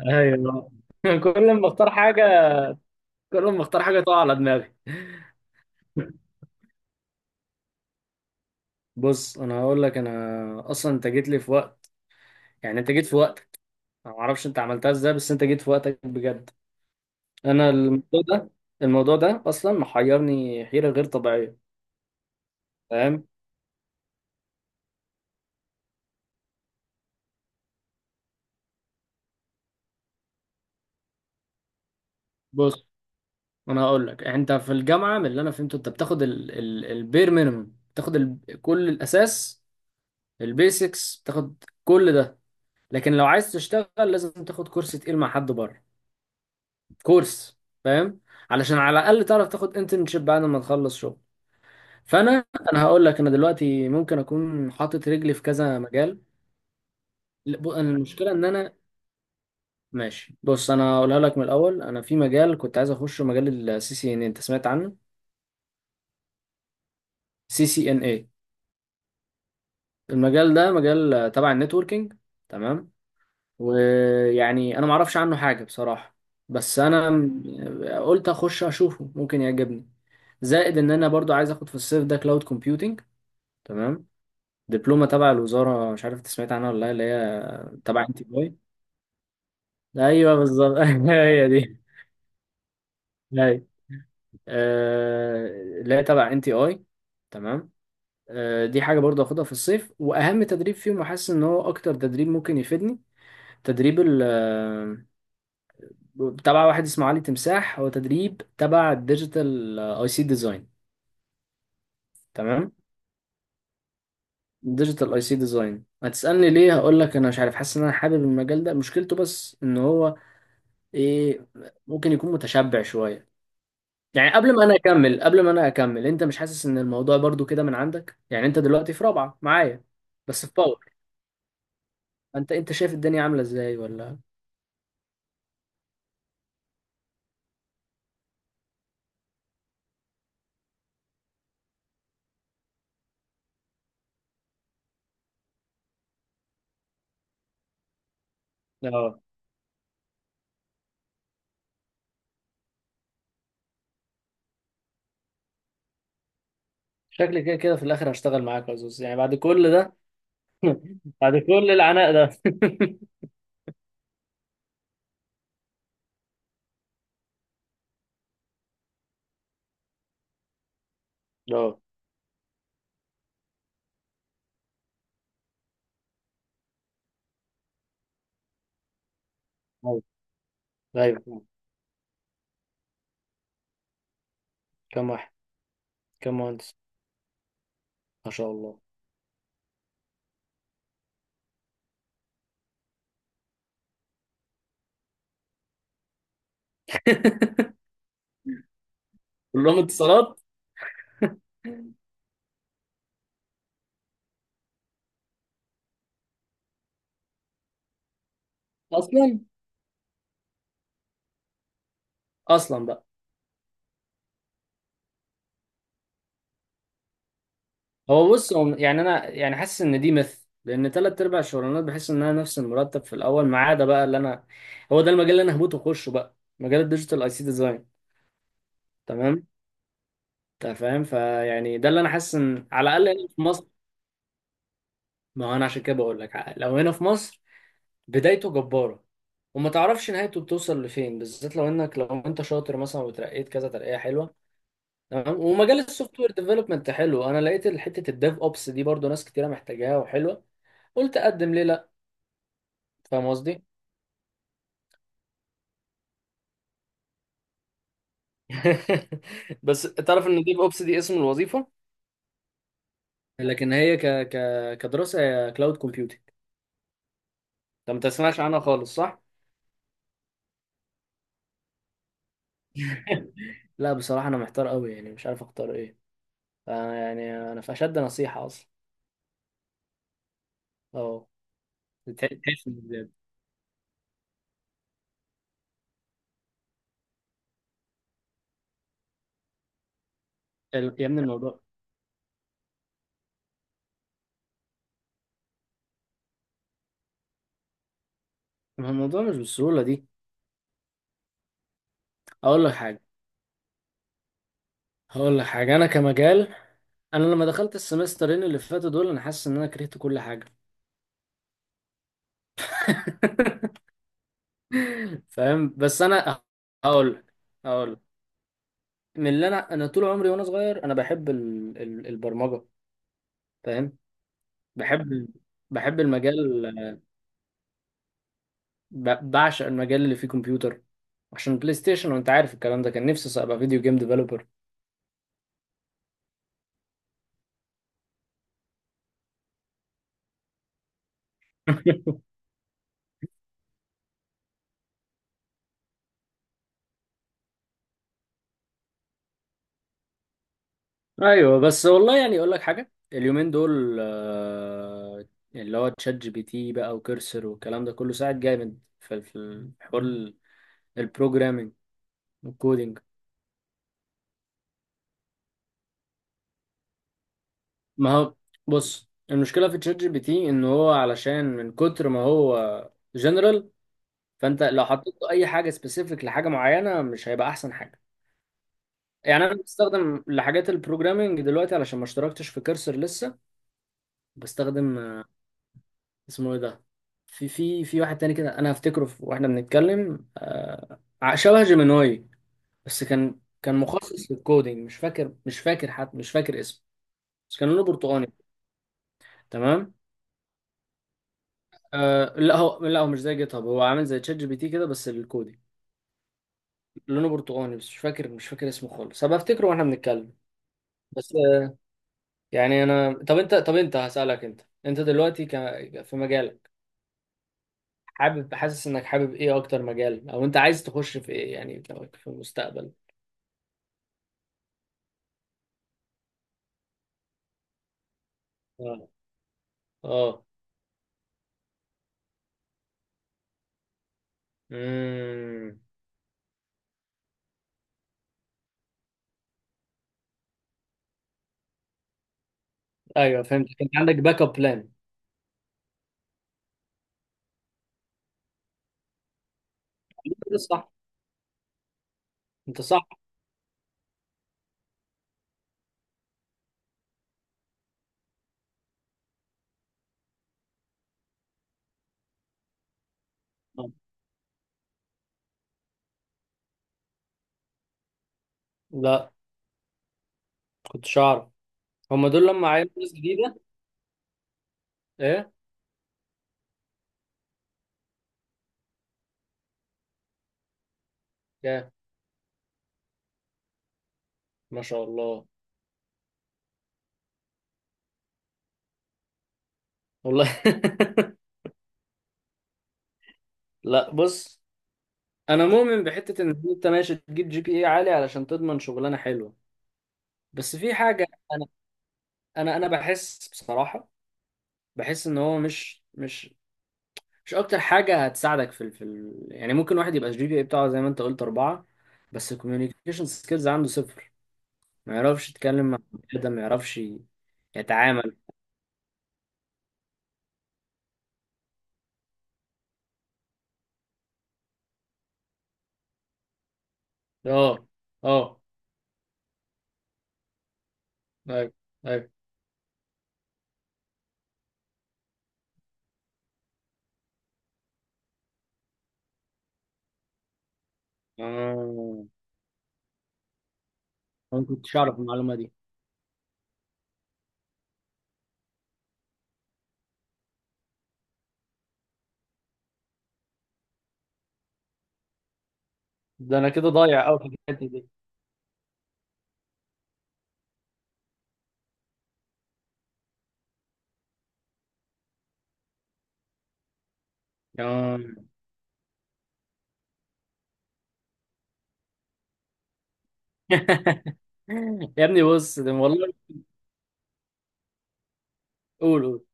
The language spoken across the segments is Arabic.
ايوه. كل ما اختار حاجه كل ما اختار حاجه تقع على دماغي. بص، انا هقول لك. انا اصلا انت جيت لي في وقت، يعني انت جيت في وقتك. انا ما اعرفش انت عملتها ازاي، بس انت جيت في وقتك بجد. انا الموضوع ده الموضوع ده اصلا محيرني حيره غير طبيعيه، فاهم؟ بص انا هقول لك، انت في الجامعه، من اللي انا فهمته انت بتاخد ال البير مينيمم، بتاخد كل الاساس، البيسكس، بتاخد كل ده. لكن لو عايز تشتغل لازم تاخد كورس تقيل مع حد بره، كورس، فاهم؟ علشان على الاقل تعرف تاخد انترنشيب بعد ما تخلص شغل. فانا هقول لك، انا دلوقتي ممكن اكون حاطط رجلي في كذا مجال. لا، المشكله ان انا ماشي. بص انا هقولها لك من الاول، انا في مجال كنت عايز اخشه، مجال الـCCNA، انت سمعت عنه؟ CCNA. المجال ده مجال، تبع النتوركينج، تمام؟ ويعني انا ما اعرفش عنه حاجه بصراحه، بس انا قلت اخش اشوفه ممكن يعجبني. زائد ان انا برضو عايز اخد في الصيف ده كلاود كومبيوتنج، تمام؟ دبلومة تبع الوزارة، مش عارف انت سمعت عنها ولا لا، اللي هي تبع NTI. ايوه بالظبط. هي دي. ايوه. آه، اللي هي تبع انتي اي. تمام. دي حاجة برضه هاخدها في الصيف، وأهم تدريب فيهم، وحاسس إن هو أكتر تدريب ممكن يفيدني. تدريب ال آه، تبع واحد اسمه علي تمساح، هو تدريب تبع الديجيتال IC ديزاين، تمام. ديجيتال اي سي ديزاين، هتسألني ليه؟ هقول لك أنا مش عارف، حاسس إن أنا حابب المجال ده، مشكلته بس إن هو، ايه، ممكن يكون متشبع شوية. يعني قبل ما انا اكمل، انت مش حاسس ان الموضوع برضو كده من عندك؟ يعني انت دلوقتي في رابعة معايا، بس في باور، انت شايف الدنيا عاملة ازاي ولا؟ اه. شكلي كده كده في الاخر هشتغل معاك يا زوز يعني، بعد كل ده، بعد كل العناء ده. اه، ايوه، ايوه. كم واحد؟ كم مهندس؟ ما شاء الله. كلهم اتصالات. اصلا، اصلا بقى. هو بص، هو يعني انا يعني حاسس ان دي مثل، لان تلات ارباع الشغلانات بحس انها نفس المرتب في الاول، ما عدا بقى اللي انا، هو ده المجال اللي انا هموت واخشه بقى، مجال الديجيتال اي سي ديزاين. تمام. انت فاهم، فيعني ده اللي انا حاسس ان على الاقل هنا في مصر. ما هو انا عشان كده بقول لك، لو هنا في مصر بدايته جباره، وما تعرفش نهايته بتوصل لفين، بالذات لو انت شاطر مثلا وترقيت كذا ترقيه حلوه. تمام. ومجال السوفت وير ديفلوبمنت حلو، انا لقيت حته الديف اوبس دي برضو ناس كتيره محتاجاها وحلوه، قلت اقدم ليه لا؟ فاهم قصدي؟ بس تعرف ان ديف اوبس دي اسم الوظيفه، لكن هي ك ك كدراسه هي كلاود كومبيوتنج. انت ما تسمعش عنها خالص، صح؟ لا بصراحه انا محتار قوي يعني، مش عارف اختار ايه. فأنا يعني انا في اشد نصيحه اصلا. اه. تحس إن، يا ابني الموضوع، الموضوع مش بالسهوله دي. اقول لك حاجه، هقول لك حاجه. انا كمجال، انا لما دخلت السمسترين اللي فاتوا دول انا حاسس ان انا كرهت كل حاجه. فاهم؟ بس انا هقول لك هقول لك، من اللي انا طول عمري وانا صغير انا بحب البرمجه، فاهم؟ بحب ال- بحب المجال، بعشق المجال اللي فيه كمبيوتر، عشان بلاي ستيشن وانت عارف الكلام ده، كان نفسي ابقى فيديو جيم ديفلوبر. ايوه. بس والله يعني، اقول لك حاجه، اليومين دول، اللي هو تشات GPT بقى وكرسر والكلام ده كله ساعد جامد في حوار البروجرامينج والكودينج. ما هو بص، المشكله في تشات جي بي تي ان هو، علشان من كتر ما هو جنرال، فانت لو حطيت له اي حاجه سبيسيفيك لحاجه معينه مش هيبقى احسن حاجه. يعني انا بستخدم لحاجات البروجرامينج دلوقتي، علشان ما اشتركتش في كورسر لسه. بستخدم، اسمه ايه ده، في واحد تاني كده، انا هفتكره واحنا بنتكلم، شبه جيميناي، بس كان مخصص للكودينج، مش فاكر حتى مش فاكر اسمه، بس كان لونه برتقاني، تمام. آه لا هو، مش زي جيت هاب، هو عامل زي تشات جي بي تي كده بس الكودي، لونه برتقاني، بس مش فاكر اسمه خالص، هبقى افتكره واحنا بنتكلم. بس يعني انا، طب انت، طب انت هسألك، انت دلوقتي في مجالك، حاسس انك حابب ايه اكتر مجال، او انت عايز تخش في ايه يعني، في المستقبل؟ اه، اه، امم، ايوه، فهمت. انت عندك باك اب بلان. انت صح، انت صح. آه. لا، كنتش اعرف. هم دول لما عينوا ناس جديده. ايه؟ يا ما شاء الله. والله. لا بص، انا مؤمن بحته ان انت ماشي تجيب GPA عالي علشان تضمن شغلانه حلوه، بس في حاجه، انا بحس بصراحه، بحس ان هو مش اكتر حاجه هتساعدك في يعني، ممكن واحد يبقى الجي بي اي بتاعه زي ما انت قلت اربعه، بس الكوميونيكيشن سكيلز عنده صفر، ما يعرفش يتكلم مع بني ادم، ما يعرفش يتعامل. اه، اه، ايوه، ايوه. آه. انا ما كنتش اعرف المعلومه دي. ده انا كده ضايع قوي في الحته دي. آه. يا ابني بص، ده والله. قول، قول.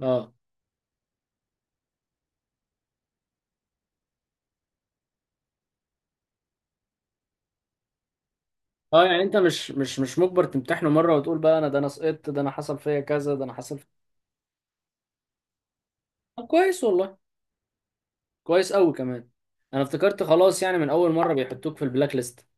اه، اه. يعني انت مش مجبر تمتحنه مره، وتقول بقى انا ده انا سقطت، ده انا حصل فيا كذا، ده انا حصل في... طب كويس والله، كويس قوي كمان. انا افتكرت خلاص، يعني من اول مره بيحطوك في البلاك ليست.